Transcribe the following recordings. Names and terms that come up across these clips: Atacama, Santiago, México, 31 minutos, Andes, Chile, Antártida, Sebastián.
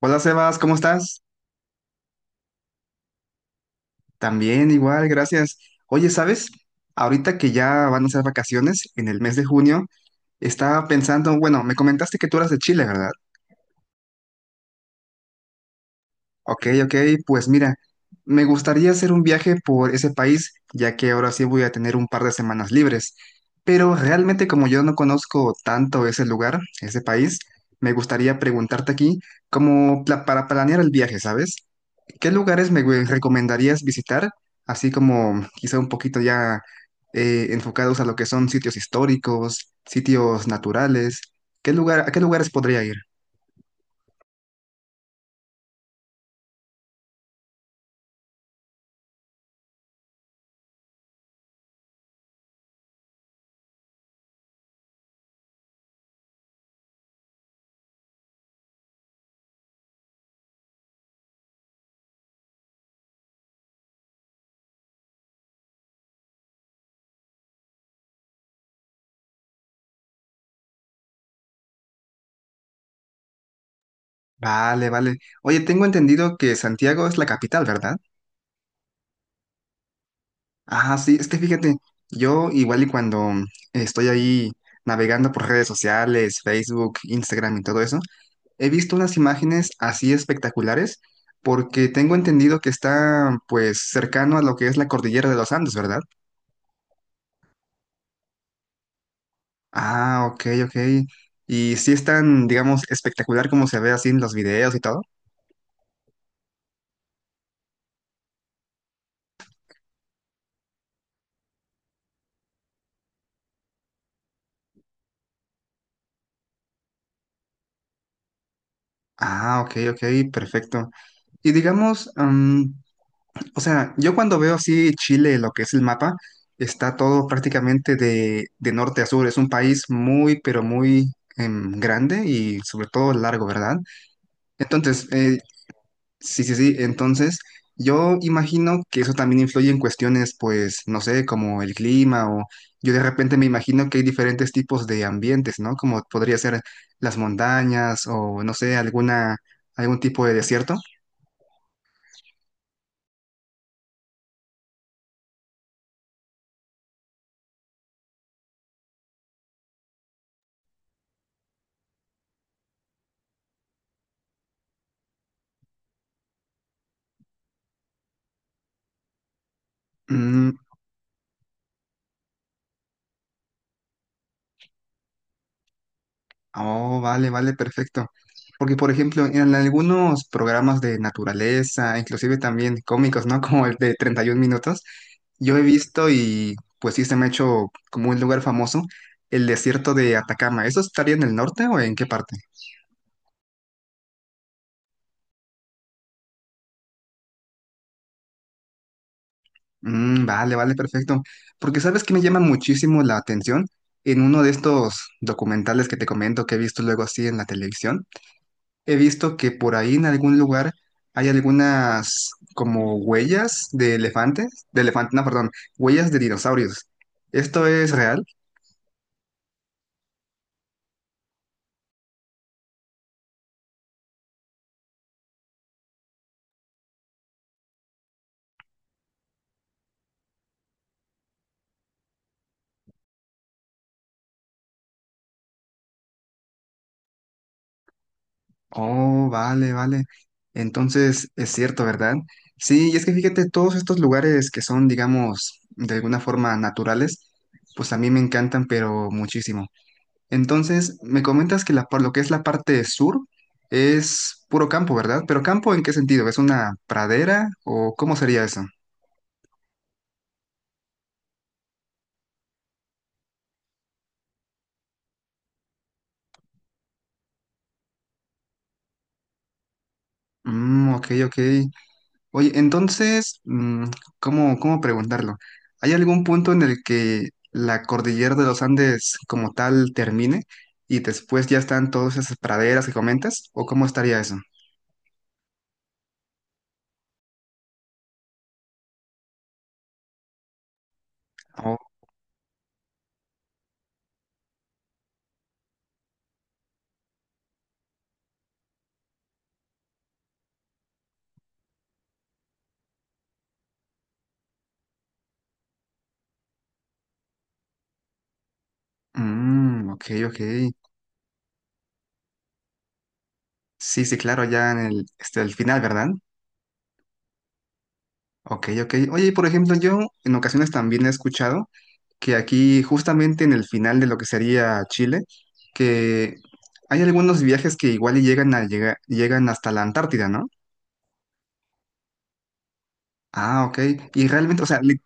Hola Sebas, ¿cómo estás? También igual, gracias. Oye, ¿sabes? Ahorita que ya van a ser vacaciones en el mes de junio, estaba pensando, bueno, me comentaste que tú eras de Chile, ¿verdad? Ok, ok, pues mira, me gustaría hacer un viaje por ese país, ya que ahora sí voy a tener un par de semanas libres. Pero realmente como yo no conozco tanto ese lugar, ese país, me gustaría preguntarte aquí como para planear el viaje, ¿sabes? ¿Qué lugares me recomendarías visitar? Así como quizá un poquito ya enfocados a lo que son sitios históricos, sitios naturales. ¿Qué lugar, a qué lugares podría ir? Vale, vale. Oye, tengo entendido que Santiago es la capital, ¿verdad? Ah, sí, es que fíjate, yo igual y cuando estoy ahí navegando por redes sociales, Facebook, Instagram y todo eso. He visto unas imágenes así espectaculares porque tengo entendido que está pues cercano a lo que es la cordillera de los Andes, ¿verdad? Ah, ok, ok. Y sí es tan, digamos, espectacular como se ve así en los videos y todo. Ah, ok, ok, perfecto. Y digamos, o sea, yo cuando veo así Chile, lo que es el mapa, está todo prácticamente de norte a sur. Es un país muy, pero muy grande y sobre todo largo, ¿verdad? Entonces, sí, sí, sí. Entonces, yo imagino que eso también influye en cuestiones, pues, no sé, como el clima o yo de repente me imagino que hay diferentes tipos de ambientes, ¿no? Como podría ser las montañas o, no sé, alguna, algún tipo de desierto. Mm, Oh, vale, vale, perfecto. Porque, por ejemplo, en algunos programas de naturaleza, inclusive también cómicos, ¿no? Como el de 31 minutos, yo he visto y pues sí se me ha hecho como un lugar famoso, el desierto de Atacama. ¿Eso estaría en el norte o en qué parte? Mm, vale, vale, perfecto. Porque sabes que me llama muchísimo la atención en uno de estos documentales que te comento que he visto luego así en la televisión. He visto que por ahí en algún lugar hay algunas como huellas de elefantes, no, perdón, huellas de dinosaurios. ¿Esto es real? Oh, vale, vale. Entonces es cierto, ¿verdad? Sí, y es que fíjate, todos estos lugares que son, digamos, de alguna forma naturales, pues a mí me encantan, pero muchísimo. Entonces, me comentas que la, por lo que es la parte sur es puro campo, ¿verdad? Pero campo, ¿en qué sentido? ¿Es una pradera o cómo sería eso? Mm, ok, ok. Oye, entonces, ¿cómo, cómo preguntarlo? ¿Hay algún punto en el que la cordillera de los Andes como tal termine y después ya están todas esas praderas que comentas? ¿O cómo estaría eso? Oh, mm, ok, ok. Sí, sí, claro, ya en el, este, el final, ¿verdad? Ok, ok. Oye, y por ejemplo, yo en ocasiones también he escuchado que aquí justamente en el final de lo que sería Chile, que hay algunos viajes que igual y llegan hasta la Antártida, ¿no? Ah, ok. Y realmente, o sea,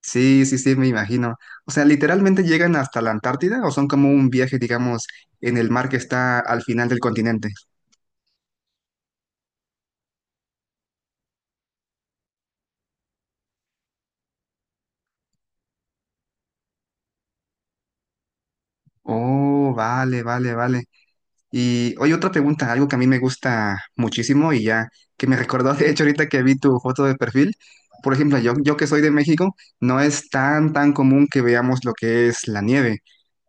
sí, sí, sí, me imagino. O sea, literalmente llegan hasta la Antártida o son como un viaje, digamos, en el mar que está al final del continente. Oh, vale, vale, vale. Y oye, otra pregunta, algo que a mí me gusta muchísimo y ya que me recordó, de hecho, ahorita que vi tu foto de perfil. Por ejemplo, yo que soy de México, no es tan, tan común que veamos lo que es la nieve.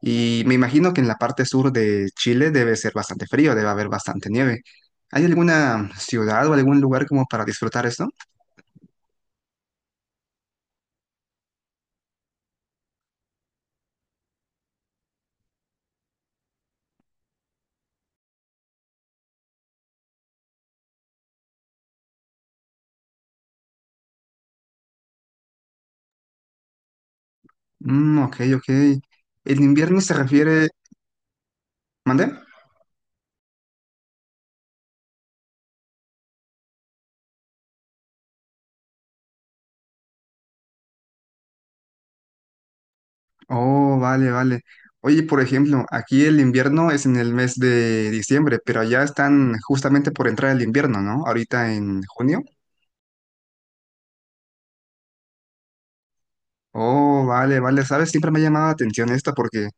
Y me imagino que en la parte sur de Chile debe ser bastante frío, debe haber bastante nieve. ¿Hay alguna ciudad o algún lugar como para disfrutar esto? Mm, ok, ok. ¿El invierno se refiere... ¿Mandé? Oh, vale, vale. Oye, por ejemplo, aquí el invierno es en el mes de diciembre, pero allá están justamente por entrar el invierno, ¿no? Ahorita en junio. Oh, vale, vale. Sabes, siempre me ha llamado la atención esto porque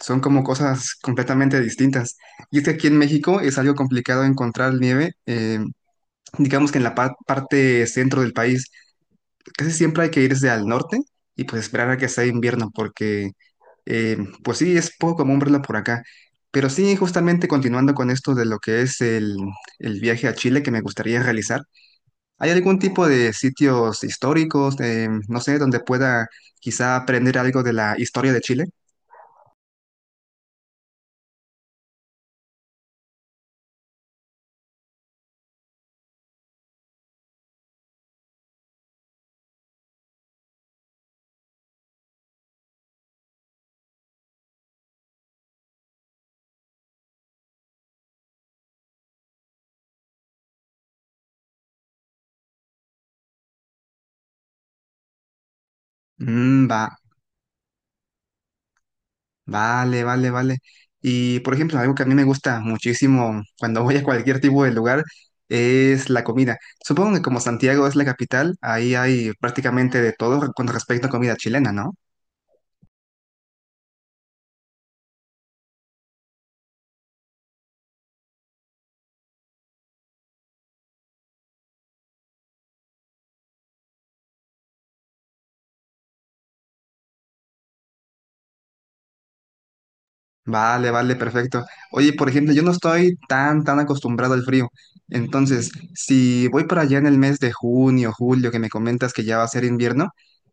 son como cosas completamente distintas. Y es que aquí en México es algo complicado encontrar nieve, digamos que en la parte centro del país. Casi siempre hay que irse al norte y pues esperar a que sea invierno porque eh, pues sí, es poco común verla por acá. Pero sí, justamente continuando con esto de lo que es el viaje a Chile que me gustaría realizar, ¿hay algún tipo de sitios históricos, no sé, donde pueda quizá aprender algo de la historia de Chile? Mm, va. Vale, vale, vale. Y por ejemplo, algo que a mí me gusta muchísimo cuando voy a cualquier tipo de lugar es la comida. Supongo que como Santiago es la capital, ahí hay prácticamente de todo con respecto a comida chilena, ¿no? Vale, vale, perfecto. Oye, por ejemplo, yo no estoy tan, tan acostumbrado al frío. Entonces, si voy para allá en el mes de junio, julio, que me comentas que ya va a ser invierno,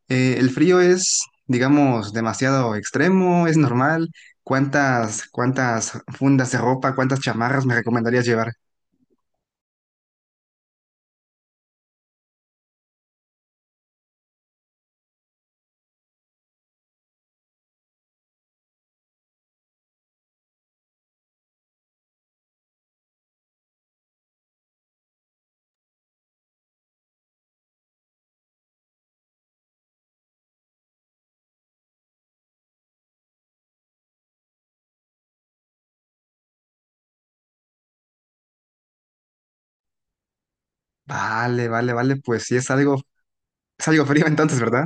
¿el frío es, digamos, demasiado extremo? ¿Es normal? ¿Cuántas, cuántas fundas de ropa, cuántas chamarras me recomendarías llevar? Vale, vale, vale, pues sí es algo frío entonces, ¿verdad?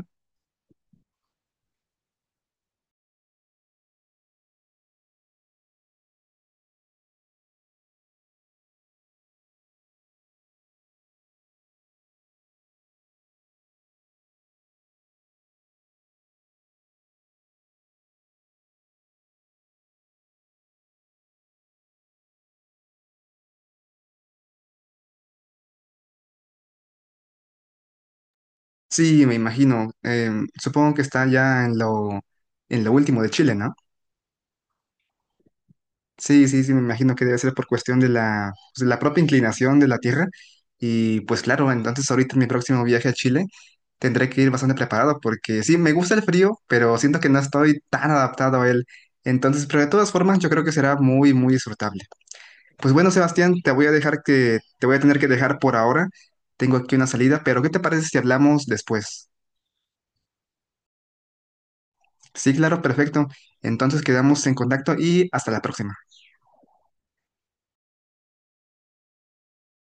Sí, me imagino. Supongo que está ya en lo último de Chile, ¿no? Sí, sí, sí, me imagino que debe ser por cuestión de la, pues, de la propia inclinación de la Tierra. Y pues claro, entonces ahorita en mi próximo viaje a Chile tendré que ir bastante preparado porque sí, me gusta el frío, pero siento que no estoy tan adaptado a él. Entonces, pero de todas formas, yo creo que será muy, muy disfrutable. Pues bueno, Sebastián, te voy a dejar que, te voy a tener que dejar por ahora. Tengo aquí una salida, pero ¿qué te parece si hablamos después? Sí, claro, perfecto. Entonces quedamos en contacto y hasta la próxima.